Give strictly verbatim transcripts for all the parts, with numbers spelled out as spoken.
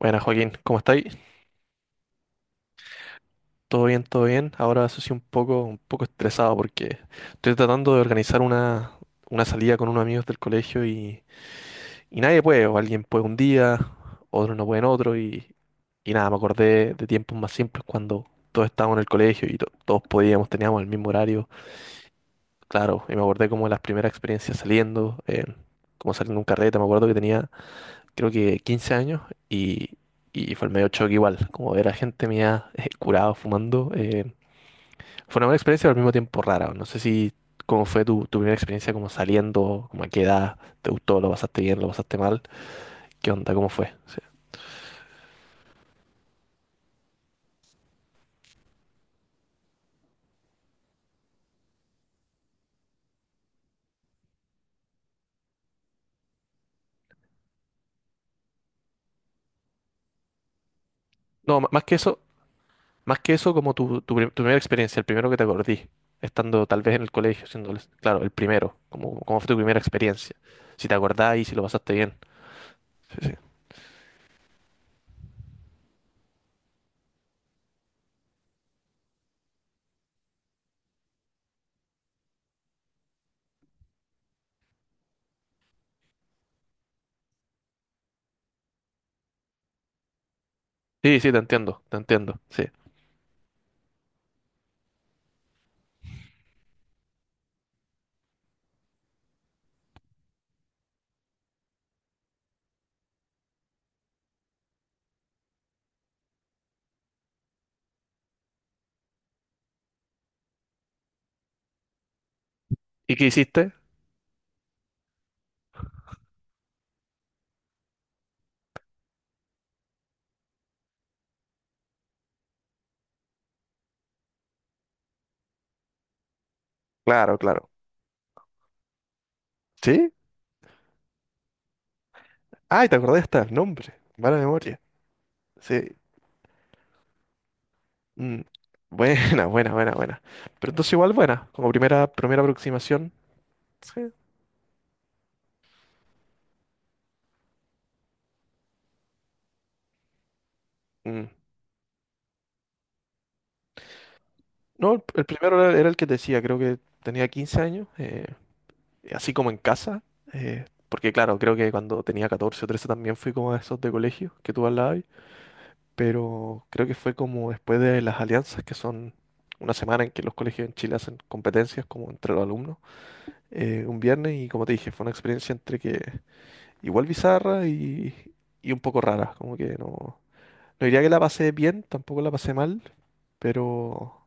Buenas, Joaquín, ¿cómo estáis? ¿Todo bien, todo bien? Ahora eso sí un poco, un poco estresado porque estoy tratando de organizar una, una salida con unos amigos del colegio y, y nadie puede, o alguien puede un día, otros no pueden otro y, y nada, me acordé de tiempos más simples cuando todos estábamos en el colegio y to- todos podíamos, teníamos el mismo horario. Claro, y me acordé como de las primeras experiencias saliendo, eh, como saliendo de un carrete. Me acuerdo que tenía creo que quince años y, y fue el medio choque igual, como ver a gente mía eh, curado fumando. Eh, fue una buena experiencia, pero al mismo tiempo rara. No sé si cómo fue tu, tu primera experiencia como saliendo, como a qué edad, te gustó, lo pasaste bien, lo pasaste mal, qué onda, cómo fue. Sí. No, m- más que eso, más que eso como tu, tu, prim- tu primera experiencia, el primero que te acordí, estando tal vez en el colegio, siendo, adolesc- claro, el primero, como, cómo fue tu primera experiencia, si te acordás y si lo pasaste bien. Sí, sí. Sí, sí, te entiendo, te entiendo, sí. ¿Y qué hiciste? Claro, claro. ¿Sí? Ay, te acordé hasta el nombre. Mala memoria. Sí. Mm. Buena, buena, buena, buena. Pero entonces igual buena, como primera, primera aproximación. Sí. Mm. No, el primero era, era el que te decía, creo que tenía quince años. Eh, así como en casa. Eh, porque claro, creo que cuando tenía catorce o trece también fui como a esos de colegio que tú hablabas, ahí. Pero creo que fue como después de las alianzas, que son una semana en que los colegios en Chile hacen competencias como entre los alumnos, eh, un viernes, y como te dije, fue una experiencia entre que igual bizarra y, y un poco rara. Como que no, no diría que la pasé bien, tampoco la pasé mal, pero,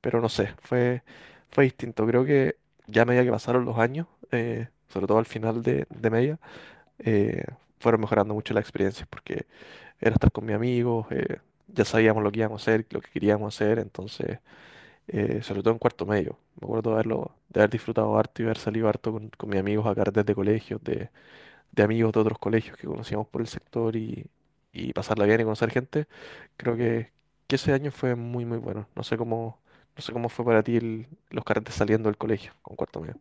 pero no sé, fue, fue distinto. Creo que ya a medida que pasaron los años, eh, sobre todo al final de, de media, eh, fueron mejorando mucho las experiencias porque era estar con mis amigos, eh, ya sabíamos lo que íbamos a hacer, lo que queríamos hacer, entonces, eh, sobre todo en cuarto medio. Me acuerdo de haberlo, de haber disfrutado harto y haber salido harto con, con mis amigos a carretes de colegios, de, de amigos de otros colegios que conocíamos por el sector y, y pasarla bien y conocer gente. Creo que, que ese año fue muy, muy bueno. No sé cómo, no sé cómo fue para ti el- los carretes saliendo del colegio con cuarto medio.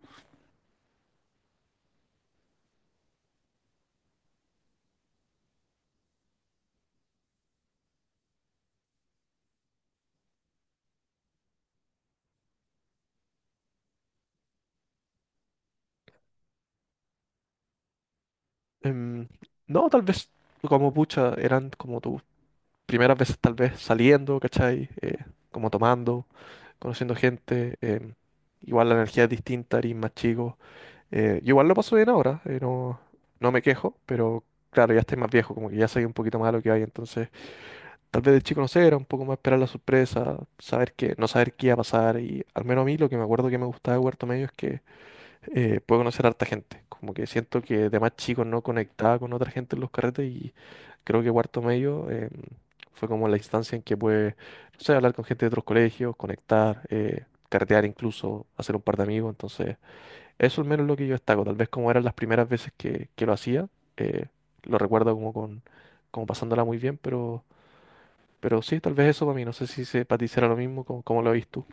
Em, no, tal vez como pucha, eran como tus primeras veces tal vez saliendo, ¿cachai? Eh, como tomando, conociendo gente. Em, igual la energía es distinta, eres más chico. Eh, yo igual lo paso bien ahora, eh, no, no me quejo, pero claro, ya estoy más viejo, como que ya soy un poquito más a lo que hay. Entonces tal vez de chico, no sé, era un poco más esperar la sorpresa, saber que, no saber qué iba a pasar. Y al menos a mí lo que me acuerdo que me gustaba de Huerto Medio es que eh, puedo conocer a harta gente. Como que siento que de más chico no conectaba con otra gente en los carretes y creo que Huerto Medio em, fue como la instancia en que pude, no sé, hablar con gente de otros colegios, conectar, eh, carretear incluso, hacer un par de amigos. Entonces, eso al menos es lo que yo destaco. Tal vez como eran las primeras veces que, que lo hacía, eh, lo recuerdo como con, como pasándola muy bien, pero pero sí, tal vez eso para mí. No sé si se, para ti será lo mismo, como, como lo ves tú.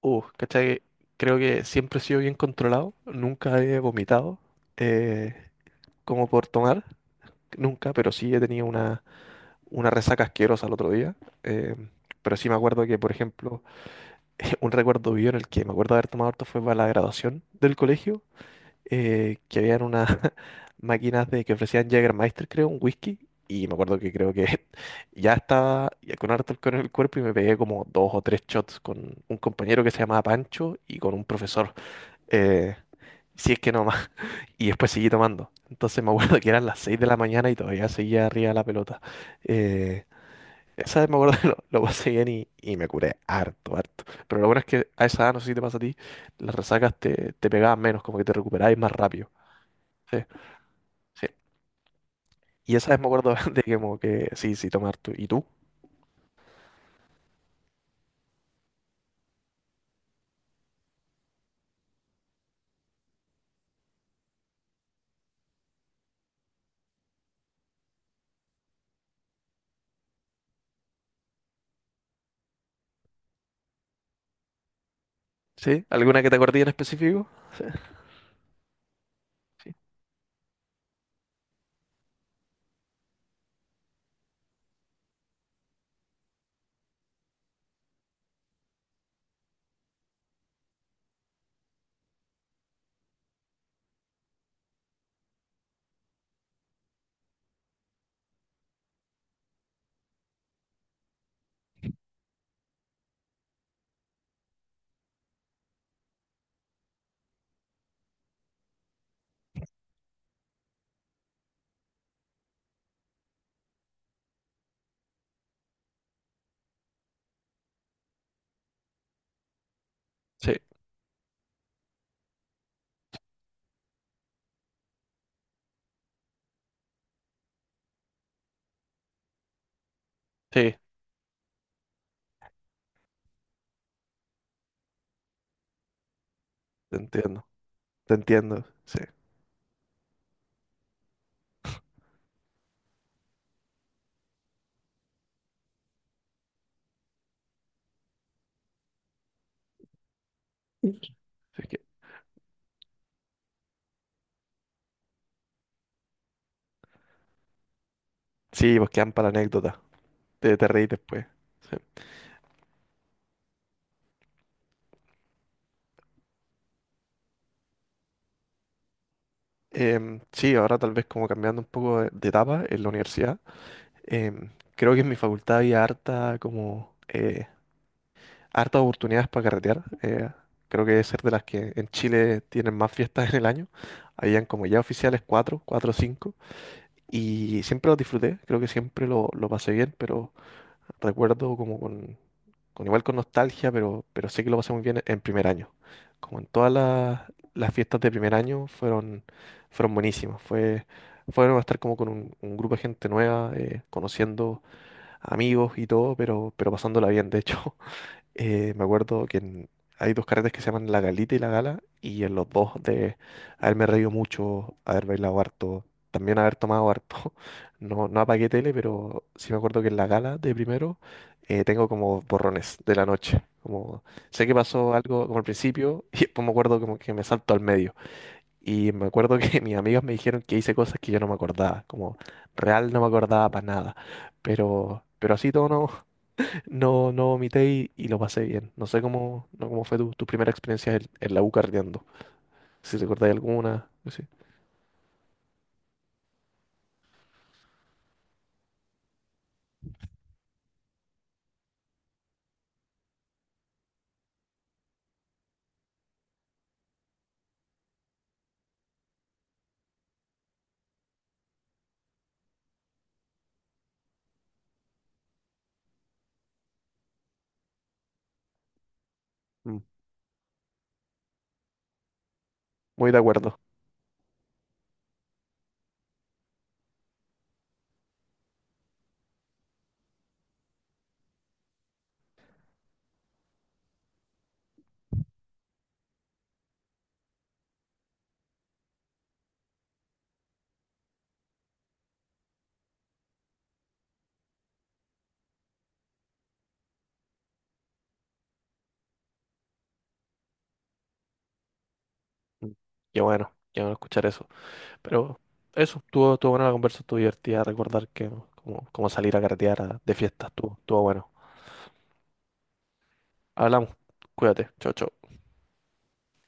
Uh, ¿cachai? Creo que siempre he sido bien controlado. Nunca he vomitado, eh, como por tomar. Nunca, pero sí he tenido una, una resaca asquerosa el otro día. Eh, pero sí me acuerdo que, por ejemplo, un recuerdo vivo en el que me acuerdo de haber tomado harto fue para la graduación del colegio. Eh, que habían unas máquinas de que ofrecían Jägermeister, creo, un whisky. Y me acuerdo que creo que ya estaba ya con harto alcohol en el cuerpo y me pegué como dos o tres shots con un compañero que se llamaba Pancho y con un profesor. eh, si es que no más. Y después seguí tomando. Entonces me acuerdo que eran las seis de la mañana y todavía seguía arriba de la pelota. Eh, Esa vez me acuerdo que lo, lo pasé bien y, y me curé harto, harto. Pero lo bueno es que a esa edad, no sé si te pasa a ti, las resacas te, te pegaban menos, como que te recuperabas más rápido. Sí. Sí. Y esa vez me acuerdo de que como que sí, sí, tomar tú. ¿Y tú? ¿Sí? ¿Alguna que te acordé en específico? Sí, sí, sí, sí, te entiendo, te entiendo, sí. Sí, es que, sí, pues quedan para la anécdota, te, te reí después. Sí. Em, sí, ahora tal vez como cambiando un poco de, de etapa en la universidad. em, Creo que en mi facultad había harta como, eh, hartas oportunidades para carretear. Eh, creo que es ser de las que en Chile tienen más fiestas en el año. Habían como ya oficiales cuatro, cuatro o cinco. Y siempre lo disfruté, creo que siempre lo, lo pasé bien, pero recuerdo como con, con igual con nostalgia, pero, pero sé que lo pasé muy bien en primer año. Como en todas las, las fiestas de primer año fueron, fueron buenísimas. Fue, fue bueno estar como con un, un grupo de gente nueva, eh, conociendo amigos y todo, pero, pero pasándola bien, de hecho. Eh, me acuerdo que en- hay dos carretes que se llaman La Galita y La Gala, y en los dos de haberme reído mucho, haber bailado harto, también haber tomado harto. No, no apagué tele, pero sí me acuerdo que en La Gala de primero eh, tengo como borrones de la noche. Como sé que pasó algo como al principio y después me acuerdo como que me salto al medio. Y me acuerdo que mis amigos me dijeron que hice cosas que yo no me acordaba, como real no me acordaba para nada. Pero, pero así todo no, no, no vomité y, y lo pasé bien. No sé cómo, no, cómo fue tu, tu primera experiencia en, en la U carreteando. Si recordáis alguna, pues sí. Mm. Muy de acuerdo. Mm. Qué bueno, qué bueno escuchar eso. Pero eso, estuvo, estuvo buena la conversa, estuvo divertida recordar que como, como salir a carretear a- de fiestas, estuvo, estuvo bueno. Hablamos, cuídate, chao, chao.